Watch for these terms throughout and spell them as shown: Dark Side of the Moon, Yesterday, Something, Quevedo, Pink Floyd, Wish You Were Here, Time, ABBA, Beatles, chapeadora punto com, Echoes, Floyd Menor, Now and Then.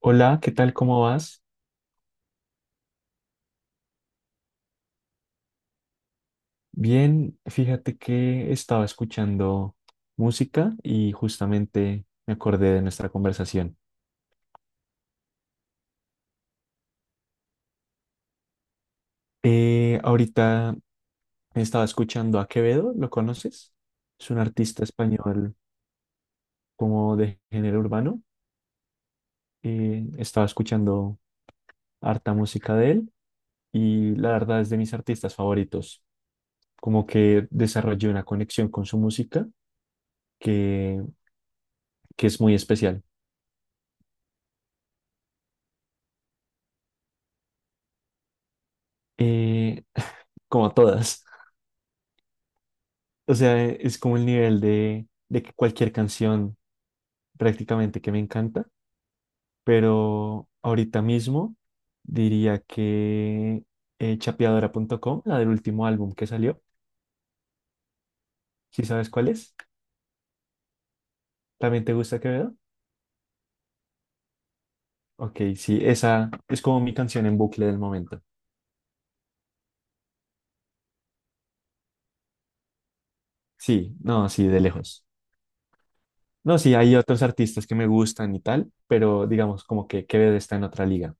Hola, ¿qué tal? ¿Cómo vas? Bien, fíjate que estaba escuchando música y justamente me acordé de nuestra conversación. Ahorita estaba escuchando a Quevedo, ¿lo conoces? Es un artista español como de género urbano. Estaba escuchando harta música de él y la verdad es de mis artistas favoritos. Como que desarrollé una conexión con su música que, que es muy especial. Eh, como todas. O sea, es como el nivel de que cualquier canción prácticamente que me encanta, pero ahorita mismo diría que chapeadora punto com, la del último álbum que salió, ¿si sabes cuál es? ¿También te gusta Quevedo? Ok, sí, esa es como mi canción en bucle del momento. Sí, no, sí, de lejos. No, sí, hay otros artistas que me gustan y tal, pero digamos como que Quevedo está en otra liga.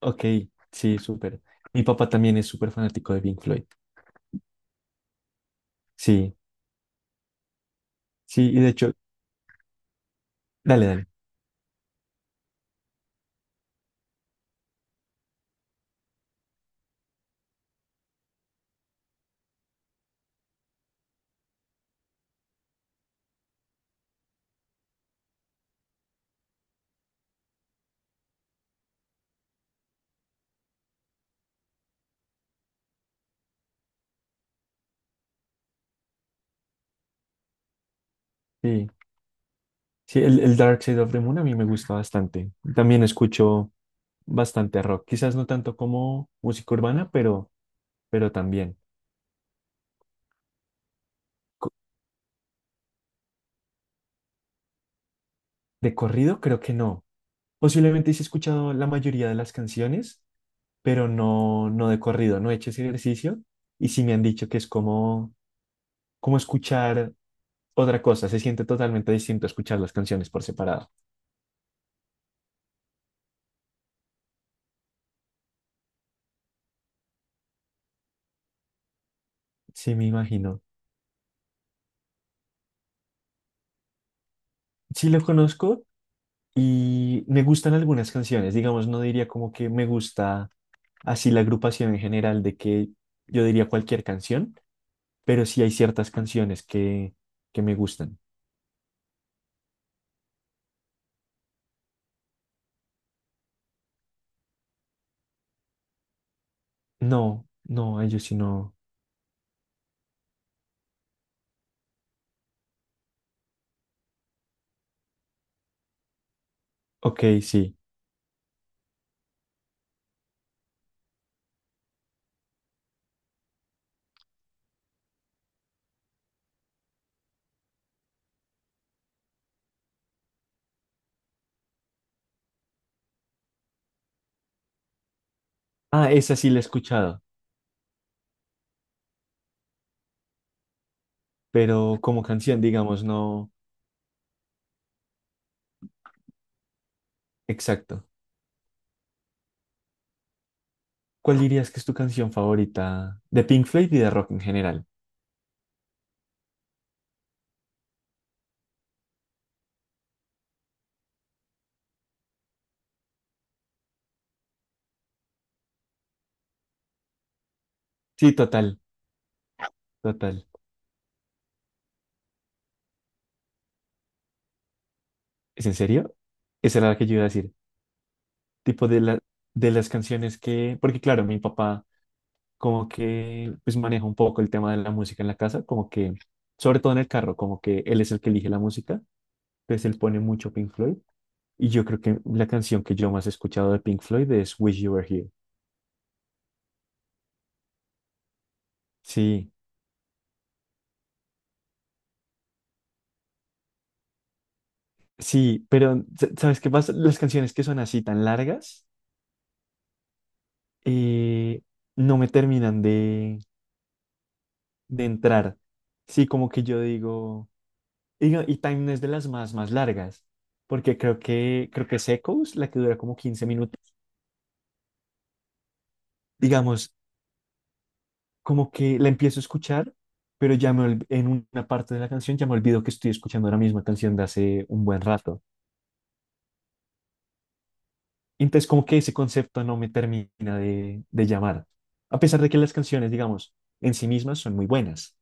Ok, sí, súper. Mi papá también es súper fanático de Pink Floyd. Sí. Sí, y de hecho, dale, dale. Sí, sí, el Dark Side of the Moon a mí me gusta bastante. También escucho bastante rock, quizás no tanto como música urbana, pero también. Co- De corrido creo que no. Posiblemente sí he escuchado la mayoría de las canciones, pero no, no de corrido, no he hecho ese ejercicio y sí me han dicho que es como, como escuchar otra cosa, se siente totalmente distinto escuchar las canciones por separado. Sí, me imagino. Sí lo conozco. Y me gustan algunas canciones, digamos, no diría como que me gusta así la agrupación en general de que yo diría cualquier canción, pero sí hay ciertas canciones que me gustan. No, no, ellos sí no. Ok, sí. Ah, esa sí la he escuchado, pero como canción, digamos, no. Exacto. ¿Cuál dirías que es tu canción favorita de Pink Floyd y de rock en general? Sí, total, total. ¿Es en serio? Esa era la que yo iba a decir. Tipo de la, de las canciones que, porque claro, mi papá como que pues maneja un poco el tema de la música en la casa, como que, sobre todo en el carro, como que él es el que elige la música, entonces él pone mucho Pink Floyd. Y yo creo que la canción que yo más he escuchado de Pink Floyd es Wish You Were Here. Sí, sí, pero ¿sabes qué pasa? Las canciones que son así tan largas eh, no me terminan de entrar. Sí, como que yo digo, y, y Time no es de las más, más largas, porque creo que es Echoes, la que dura como 15 minutos. Digamos, como que la empiezo a escuchar, pero ya en una parte de la canción ya me olvido que estoy escuchando la misma canción de hace un buen rato. Entonces, como que ese concepto no me termina de llamar, a pesar de que las canciones, digamos, en sí mismas son muy buenas.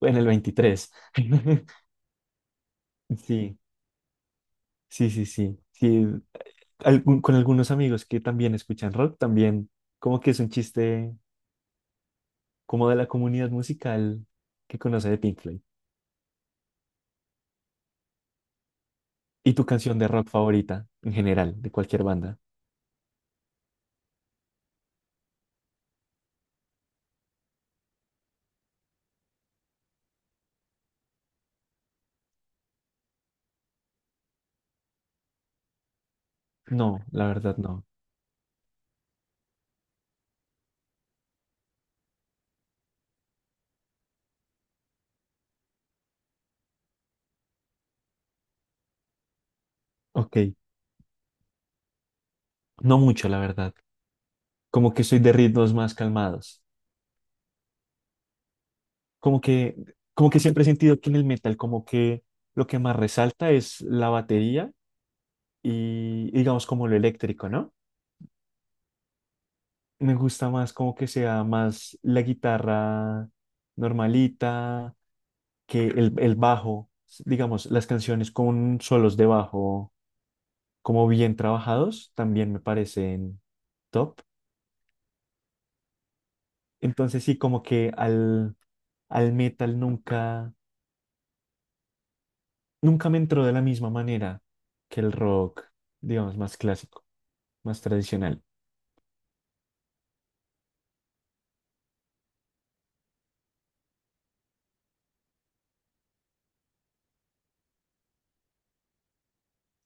En el 23. Sí, sí, sí, sí. Sí, con algunos amigos que también escuchan rock, también como que es un chiste como de la comunidad musical que conoce de Pink Floyd. ¿Y tu canción de rock favorita en general, de cualquier banda? No, la verdad no. Ok, no mucho, la verdad. Como que soy de ritmos más calmados. Como que, como que siempre he sentido que en el metal, como que lo que más resalta es la batería y digamos como lo eléctrico, ¿no? Me gusta más como que sea más la guitarra normalita, que el bajo, digamos, las canciones con solos de bajo como bien trabajados también me parecen top. Entonces sí, como que al metal nunca, nunca me entró de la misma manera que el rock, digamos, más clásico, más tradicional.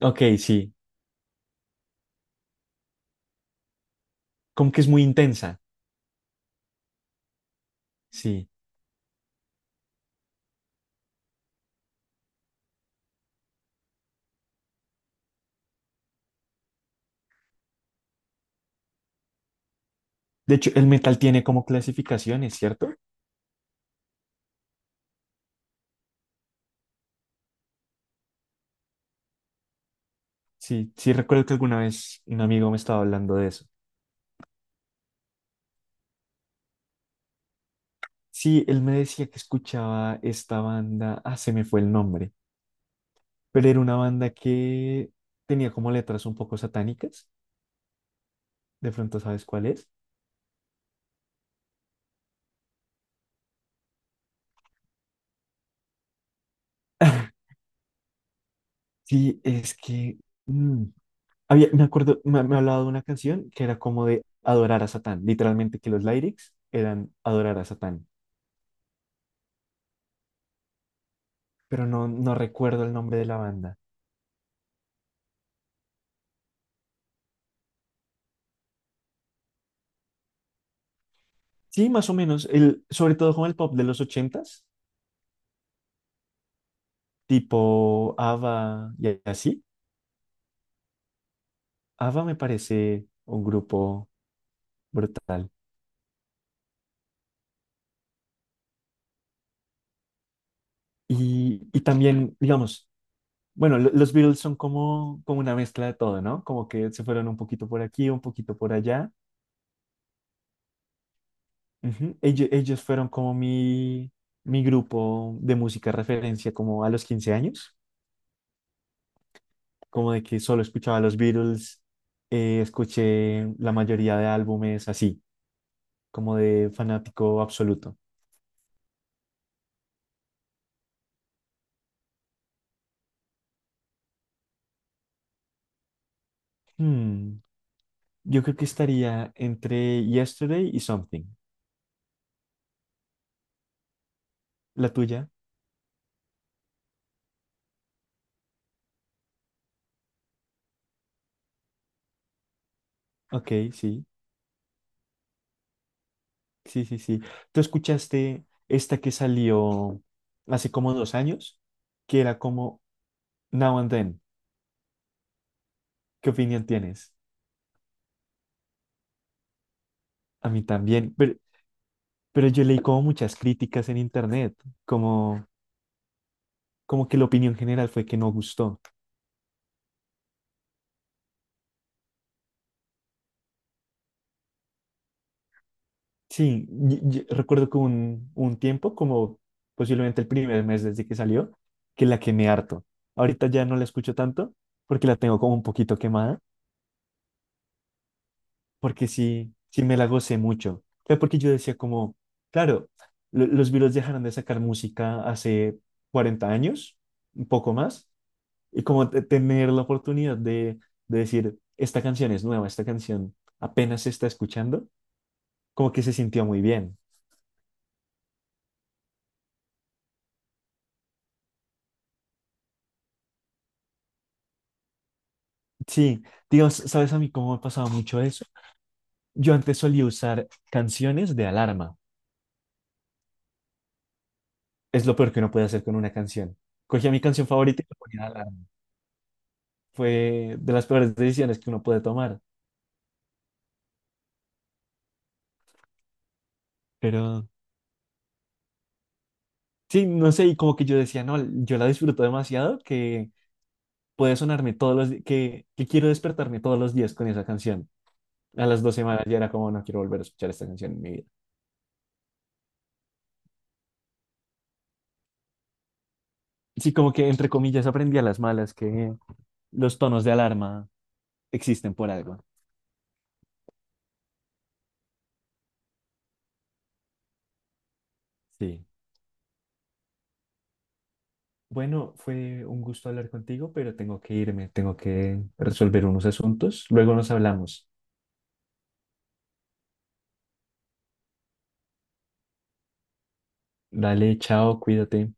Ok, sí, como que es muy intensa, sí. De hecho, el metal tiene como clasificaciones, ¿cierto? Sí, sí, recuerdo que alguna vez un amigo me estaba hablando de eso. Sí, él me decía que escuchaba esta banda, ah, se me fue el nombre, pero era una banda que tenía como letras un poco satánicas, de pronto sabes cuál es. Sí, es que mm, había, me acuerdo, me hablaba de una canción que era como de adorar a Satán, literalmente que los lyrics eran adorar a Satán, pero no, no recuerdo el nombre de la banda. Sí, más o menos, el, sobre todo con el pop de los ochentas, tipo ABBA y así. ABBA me parece un grupo brutal. Y también, digamos, bueno, los Beatles son como, como una mezcla de todo, ¿no? Como que se fueron un poquito por aquí, un poquito por allá. Ujú. Ellos fueron como mi grupo de música referencia como a los 15 años, como de que solo escuchaba los Beatles, escuché la mayoría de álbumes así, como de fanático absoluto. Hmm, yo creo que estaría entre Yesterday y Something. La tuya, ok, sí, sí, sí, sí. ¿Tú escuchaste esta que salió hace como 2 años, que era como Now and Then? ¿Qué opinión tienes? A mí también, pero yo leí como muchas críticas en internet, como, como que la opinión general fue que no gustó. Sí, y recuerdo que un tiempo, como posiblemente el primer mes desde que salió, que la quemé harto. Ahorita ya no la escucho tanto porque la tengo como un poquito quemada, porque sí, sí me la gocé mucho. Fue porque yo decía como, claro, los Beatles dejaron de sacar música hace 40 años, un poco más, y como tener la oportunidad de decir, esta canción es nueva, esta canción apenas se está escuchando, como que se sintió muy bien. Sí, Dios, ¿sabes a mí cómo me ha pasado mucho eso? Yo antes solía usar canciones de alarma. Es lo peor que uno puede hacer con una canción. Cogía mi canción favorita y la ponía de alarma. Fue de las peores decisiones que uno puede tomar. Pero sí, no sé, y como que yo decía, no, yo la disfruto demasiado que puede sonarme todos los días, que quiero despertarme todos los días con esa canción. A las 2 semanas ya era como, no quiero volver a escuchar esta canción en mi vida. Sí, como que entre comillas aprendí a las malas que los tonos de alarma existen por algo. Sí. Bueno, fue un gusto hablar contigo, pero tengo que irme, tengo que resolver unos asuntos. Luego nos hablamos. Dale, chao, cuídate.